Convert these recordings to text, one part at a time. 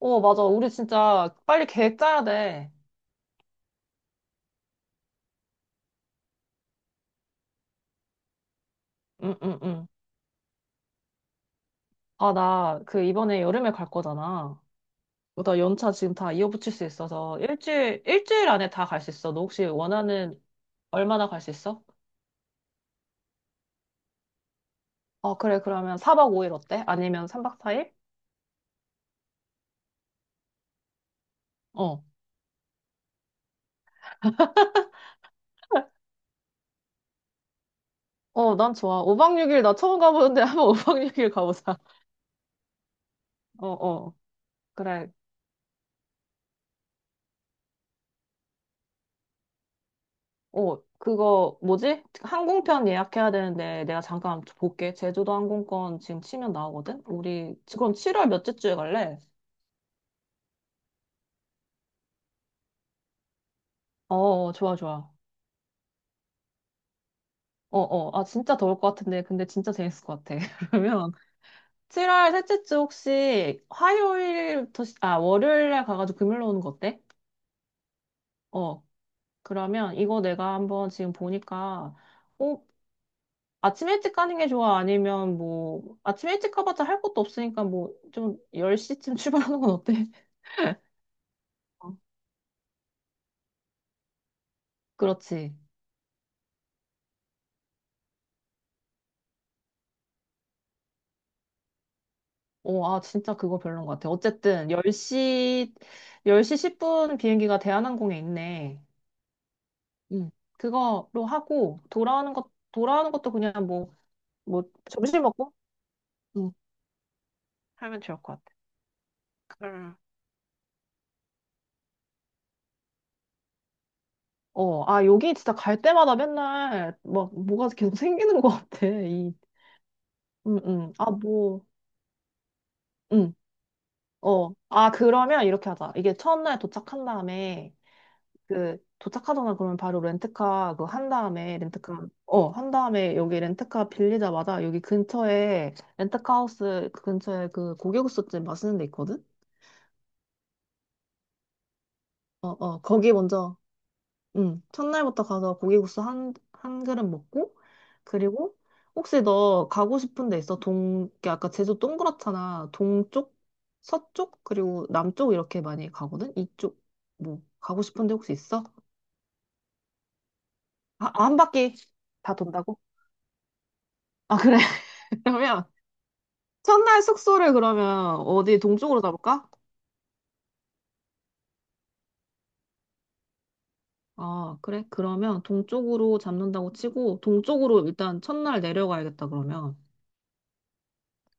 어, 맞아. 우리 진짜 빨리 계획 짜야 돼. 응, 응, 응. 아, 나 그 이번에 여름에 갈 거잖아. 어, 나 연차 지금 다 이어붙일 수 있어서 일주일 안에 다 갈 수 있어. 너 혹시 원하는 얼마나 갈 수 있어? 어, 그래. 그러면 4박 5일 어때? 아니면 3박 4일? 어. 어, 난 좋아. 5박 6일 나 처음 가보는데 한번 5박 6일 가보자. 어, 어. 그래. 어, 그거 뭐지? 항공편 예약해야 되는데 내가 잠깐 볼게. 제주도 항공권 지금 치면 나오거든? 우리 지금 7월 몇째 주에 갈래? 어, 어, 좋아, 좋아. 어, 어. 아, 진짜 더울 것 같은데. 근데 진짜 재밌을 것 같아. 그러면 7월 셋째 주 혹시 화요일부터, 아, 월요일 날 가가지고 금요일로 오는 거 어때? 어. 그러면 이거 내가 한번 지금 보니까, 어, 아침 일찍 가는 게 좋아? 아니면 뭐, 아침 일찍 가봤자 할 것도 없으니까 뭐, 좀 10시쯤 출발하는 건 어때? 어, 그렇지. 오, 아, 진짜 그거 별론 것 같아. 어쨌든, 10시, 10시 10분 비행기가 대한항공에 있네. 응. 그거로 하고, 돌아오는 것도 그냥 뭐, 뭐, 점심 먹고, 응, 하면 좋을 것 같아. 음. 어, 아, 여기 진짜 갈 때마다 맨날, 막, 뭐가 계속 생기는 것 같아. 응응 아, 뭐, 응 어. 아, 그러면 이렇게 하자. 이게 첫날 도착한 다음에, 그 도착하자마자 그러면 바로 렌트카 한 다음에 여기 렌트카 빌리자마자 여기 근처에 렌트카 하우스 그 근처에 그 고기국수집 맛있는 데 있거든? 어, 어. 거기 먼저, 응, 첫날부터 가서 고기국수 한 그릇 먹고 그리고 혹시 너 가고 싶은 데 있어? 동 이렇게 아까 제주 동그랗잖아. 동쪽, 서쪽, 그리고 남쪽 이렇게 많이 가거든? 이쪽 뭐 가고 싶은 데 혹시 있어? 아, 한 바퀴 다 돈다고? 아, 그래. 그러면 첫날 숙소를 그러면 어디 동쪽으로 잡을까? 아, 그래? 그러면 동쪽으로 잡는다고 치고 동쪽으로 일단 첫날 내려가야겠다 그러면.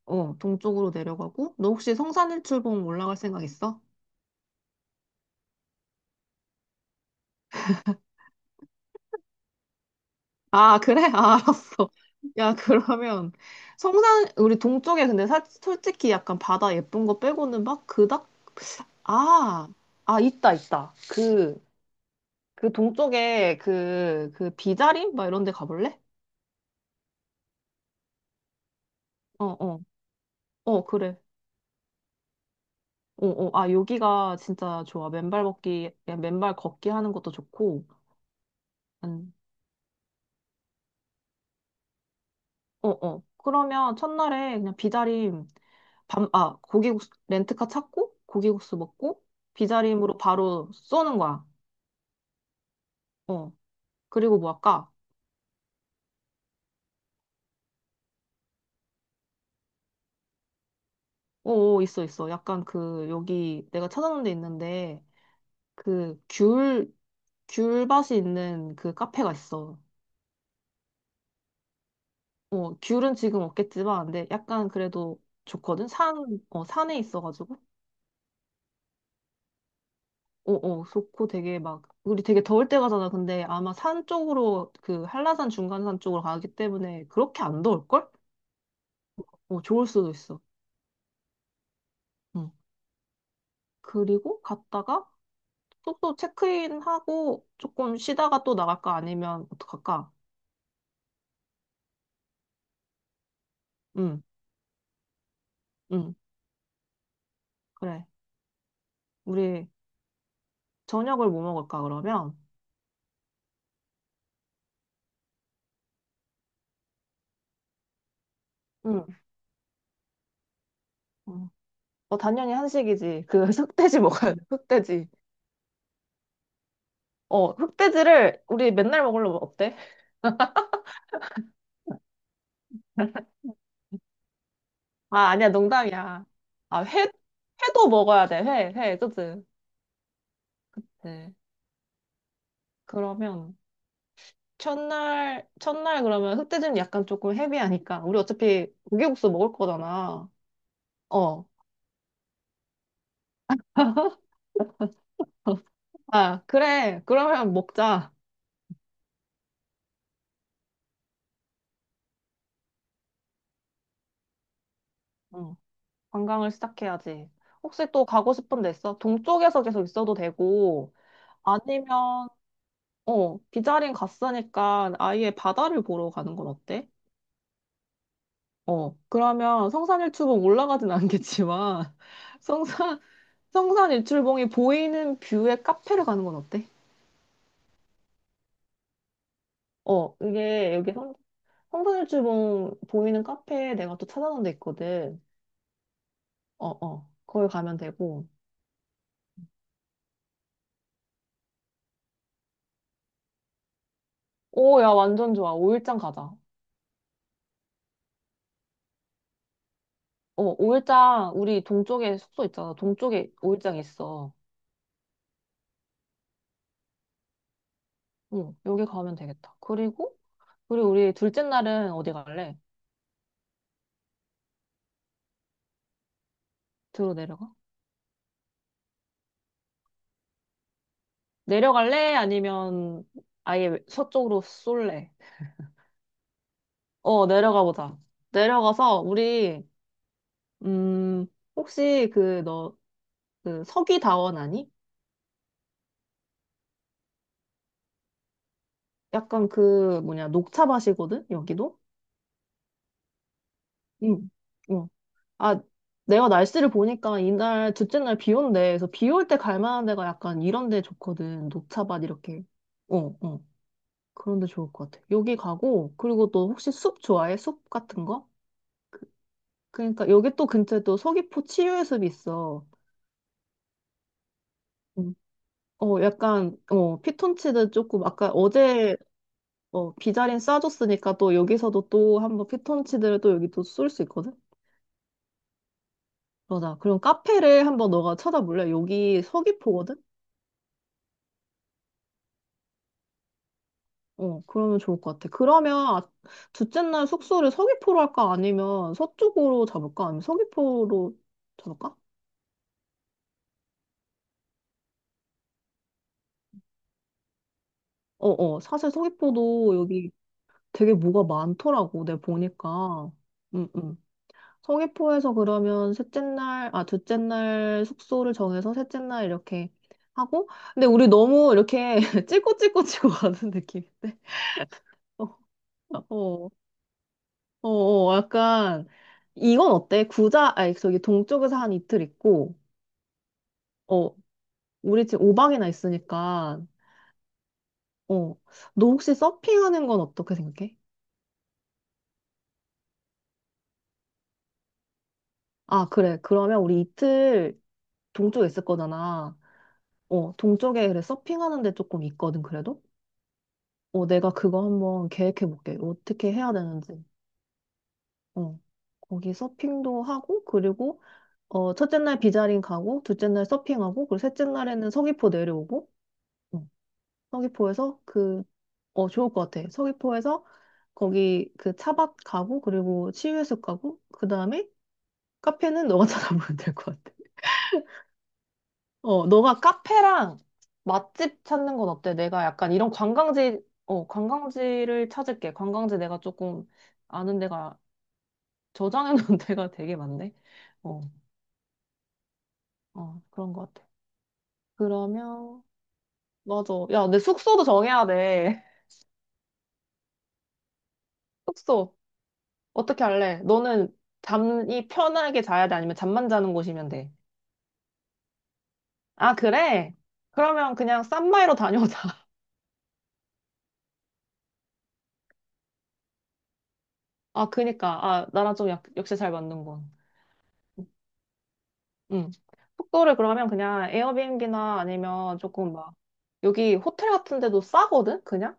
어, 동쪽으로 내려가고 너 혹시 성산일출봉 올라갈 생각 있어? 아, 그래? 아, 알았어. 야, 그러면 성산 우리 동쪽에. 근데 솔직히 약간 바다 예쁜 거 빼고는 막 그닥. 아, 아, 있다 있다. 그 동쪽에 그 비자림 막 이런 데 가볼래? 어, 어. 어, 그래. 어, 어, 아, 여기가 진짜 좋아. 맨발 걷기, 그냥 맨발 걷기 하는 것도 좋고. 음, 어, 어. 그러면 첫날에 그냥 비자림, 아, 고기국수, 렌트카 찾고, 고기국수 먹고, 비자림으로 바로 쏘는 거야. 어. 그리고 뭐 할까? 어, 어, 있어, 있어. 약간 그, 여기 내가 찾아놓은 데 있는데, 그, 귤밭이 있는 그 카페가 있어. 어, 귤은 지금 없겠지만, 근데 약간 그래도 좋거든? 산에 있어가지고. 어어, 좋고 되게 막 우리 되게 더울 때 가잖아. 근데 아마 산 쪽으로 그 한라산 중간산 쪽으로 가기 때문에 그렇게 안 더울걸? 어, 좋을 수도 있어. 응. 그리고 갔다가 숙소 체크인 하고 조금 쉬다가 또 나갈까 아니면 어떡할까? 응, 응, 그래. 우리 저녁을 뭐 먹을까 그러면? 응. 응. 어, 당연히 한식이지. 그 흑돼지 먹어야 돼. 흑돼지. 어, 흑돼지를 우리 맨날 먹으려면 어때? 아, 아니야, 농담이야. 아, 회도 먹어야 돼. 회, 회, 그치? 네. 그러면, 첫날 그러면 흑돼지는 약간 조금 헤비하니까. 우리 어차피 고기국수 먹을 거잖아. 어. 아, 그래. 그러면 먹자. 응. 관광을 시작해야지. 혹시 또 가고 싶은 데 있어? 동쪽에서 계속 있어도 되고, 아니면, 비자린 갔으니까 아예 바다를 보러 가는 건 어때? 어, 그러면 성산일출봉 올라가진 않겠지만, 성산, 성산일출봉이 보이는 뷰의 카페를 가는 건 어때? 어, 이게 여기 성산일출봉 보이는 카페 내가 또 찾아놓은 데 있거든. 어, 어, 거기 가면 되고. 오, 야, 완전 좋아. 오일장 가자. 어, 오일장, 우리 동쪽에 숙소 있잖아. 동쪽에 오일장 있어. 응, 여기 가면 되겠다. 그리고, 우리 둘째 날은 어디 갈래? 들어 내려가? 내려갈래? 아니면 아예 서쪽으로 쏠래? 어, 내려가 보자. 내려가서 우리 음 혹시 그 너 그 서귀다원 아니? 약간 그 뭐냐 녹차 밭이거든 여기도? 응. 어. 아, 내가 날씨를 보니까 이날 둘째 날 비 온대. 그래서 비올 때 갈 만한 데가 약간 이런 데 좋거든. 녹차밭 이렇게. 어, 어. 그런 데 좋을 것 같아. 여기 가고 그리고 또 혹시 숲 좋아해? 숲 같은 거? 그러니까 여기 또 근처에 또 서귀포 치유예술이 있어. 음. 어, 약간, 피톤치드 조금, 아까 어제, 어, 비자린 싸줬으니까 또 여기서도 또 한번 피톤치드를 또 여기 또 쏠 수 있거든? 그아 그럼 카페를 한번 너가 찾아볼래? 여기 서귀포거든? 어, 그러면 좋을 것 같아. 그러면 둘째 날 숙소를 서귀포로 할까? 아니면 서쪽으로 잡을까? 아니면 서귀포로 잡을까? 어, 어. 사실 서귀포도 여기 되게 뭐가 많더라고. 내가 보니까. 응응. 성의포에서 그러면 둘째 날 숙소를 정해서 셋째 날 이렇게 하고. 근데 우리 너무 이렇게 찔꼬찔꼬치고 가는 느낌인데. 어, 어, 어, 어. 약간, 이건 어때? 아니, 저기 동쪽에서 한 이틀 있고, 어, 우리 지금 5박이나 있으니까, 어, 너 혹시 서핑하는 건 어떻게 생각해? 아, 그래. 그러면 우리 이틀 동쪽에 있을 거잖아. 어, 동쪽에 그래, 서핑하는 데 조금 있거든, 그래도? 어, 내가 그거 한번 계획해 볼게. 어떻게 해야 되는지. 어. 거기 서핑도 하고, 그리고, 어, 첫째 날 비자링 가고, 둘째 날 서핑하고, 그리고 셋째 날에는 서귀포 내려오고, 어, 서귀포에서 좋을 것 같아. 서귀포에서 거기 그 차밭 가고, 그리고 치유해수 가고, 그 다음에 카페는 너가 찾아보면 될 것 같아. 어, 너가 카페랑 맛집 찾는 건 어때? 내가 약간 이런 관광지를 찾을게. 관광지 내가 조금 아는 데가 저장해 놓은 데가 되게 많네. 어, 어, 그런 것 같아. 그러면, 맞아. 야, 내 숙소도 정해야 돼. 숙소. 어떻게 할래? 너는 잠이 편하게 자야 돼? 아니면 잠만 자는 곳이면 돼? 아, 그래? 그러면 그냥 싼마이로 다녀오자. 아, 그니까. 아, 나랑 좀 역시 잘 맞는군. 응. 숙소를 그러면 그냥 에어비앤비나 아니면 조금 막, 여기 호텔 같은 데도 싸거든? 그냥?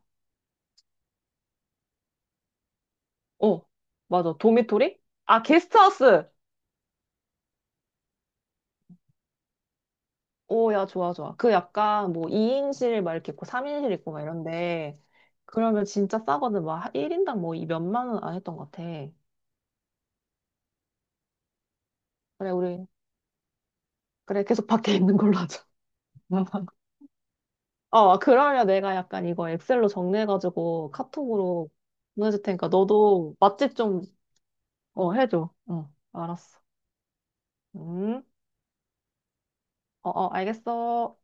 어, 맞아. 도미토리? 아, 게스트하우스! 오, 야, 좋아, 좋아. 그 약간 뭐 2인실 막 이렇게 있고 3인실 있고 막 이런데 그러면 진짜 싸거든. 막 1인당 뭐 이 몇만 원 안 했던 것 같아. 그래, 우리, 그래, 계속 밖에 있는 걸로 하자. 어, 그러면 내가 약간 이거 엑셀로 정리해가지고 카톡으로 보내줄 테니까 너도 맛집 좀, 어, 해줘. 어, 알았어. 음, 어, 어, 알겠어.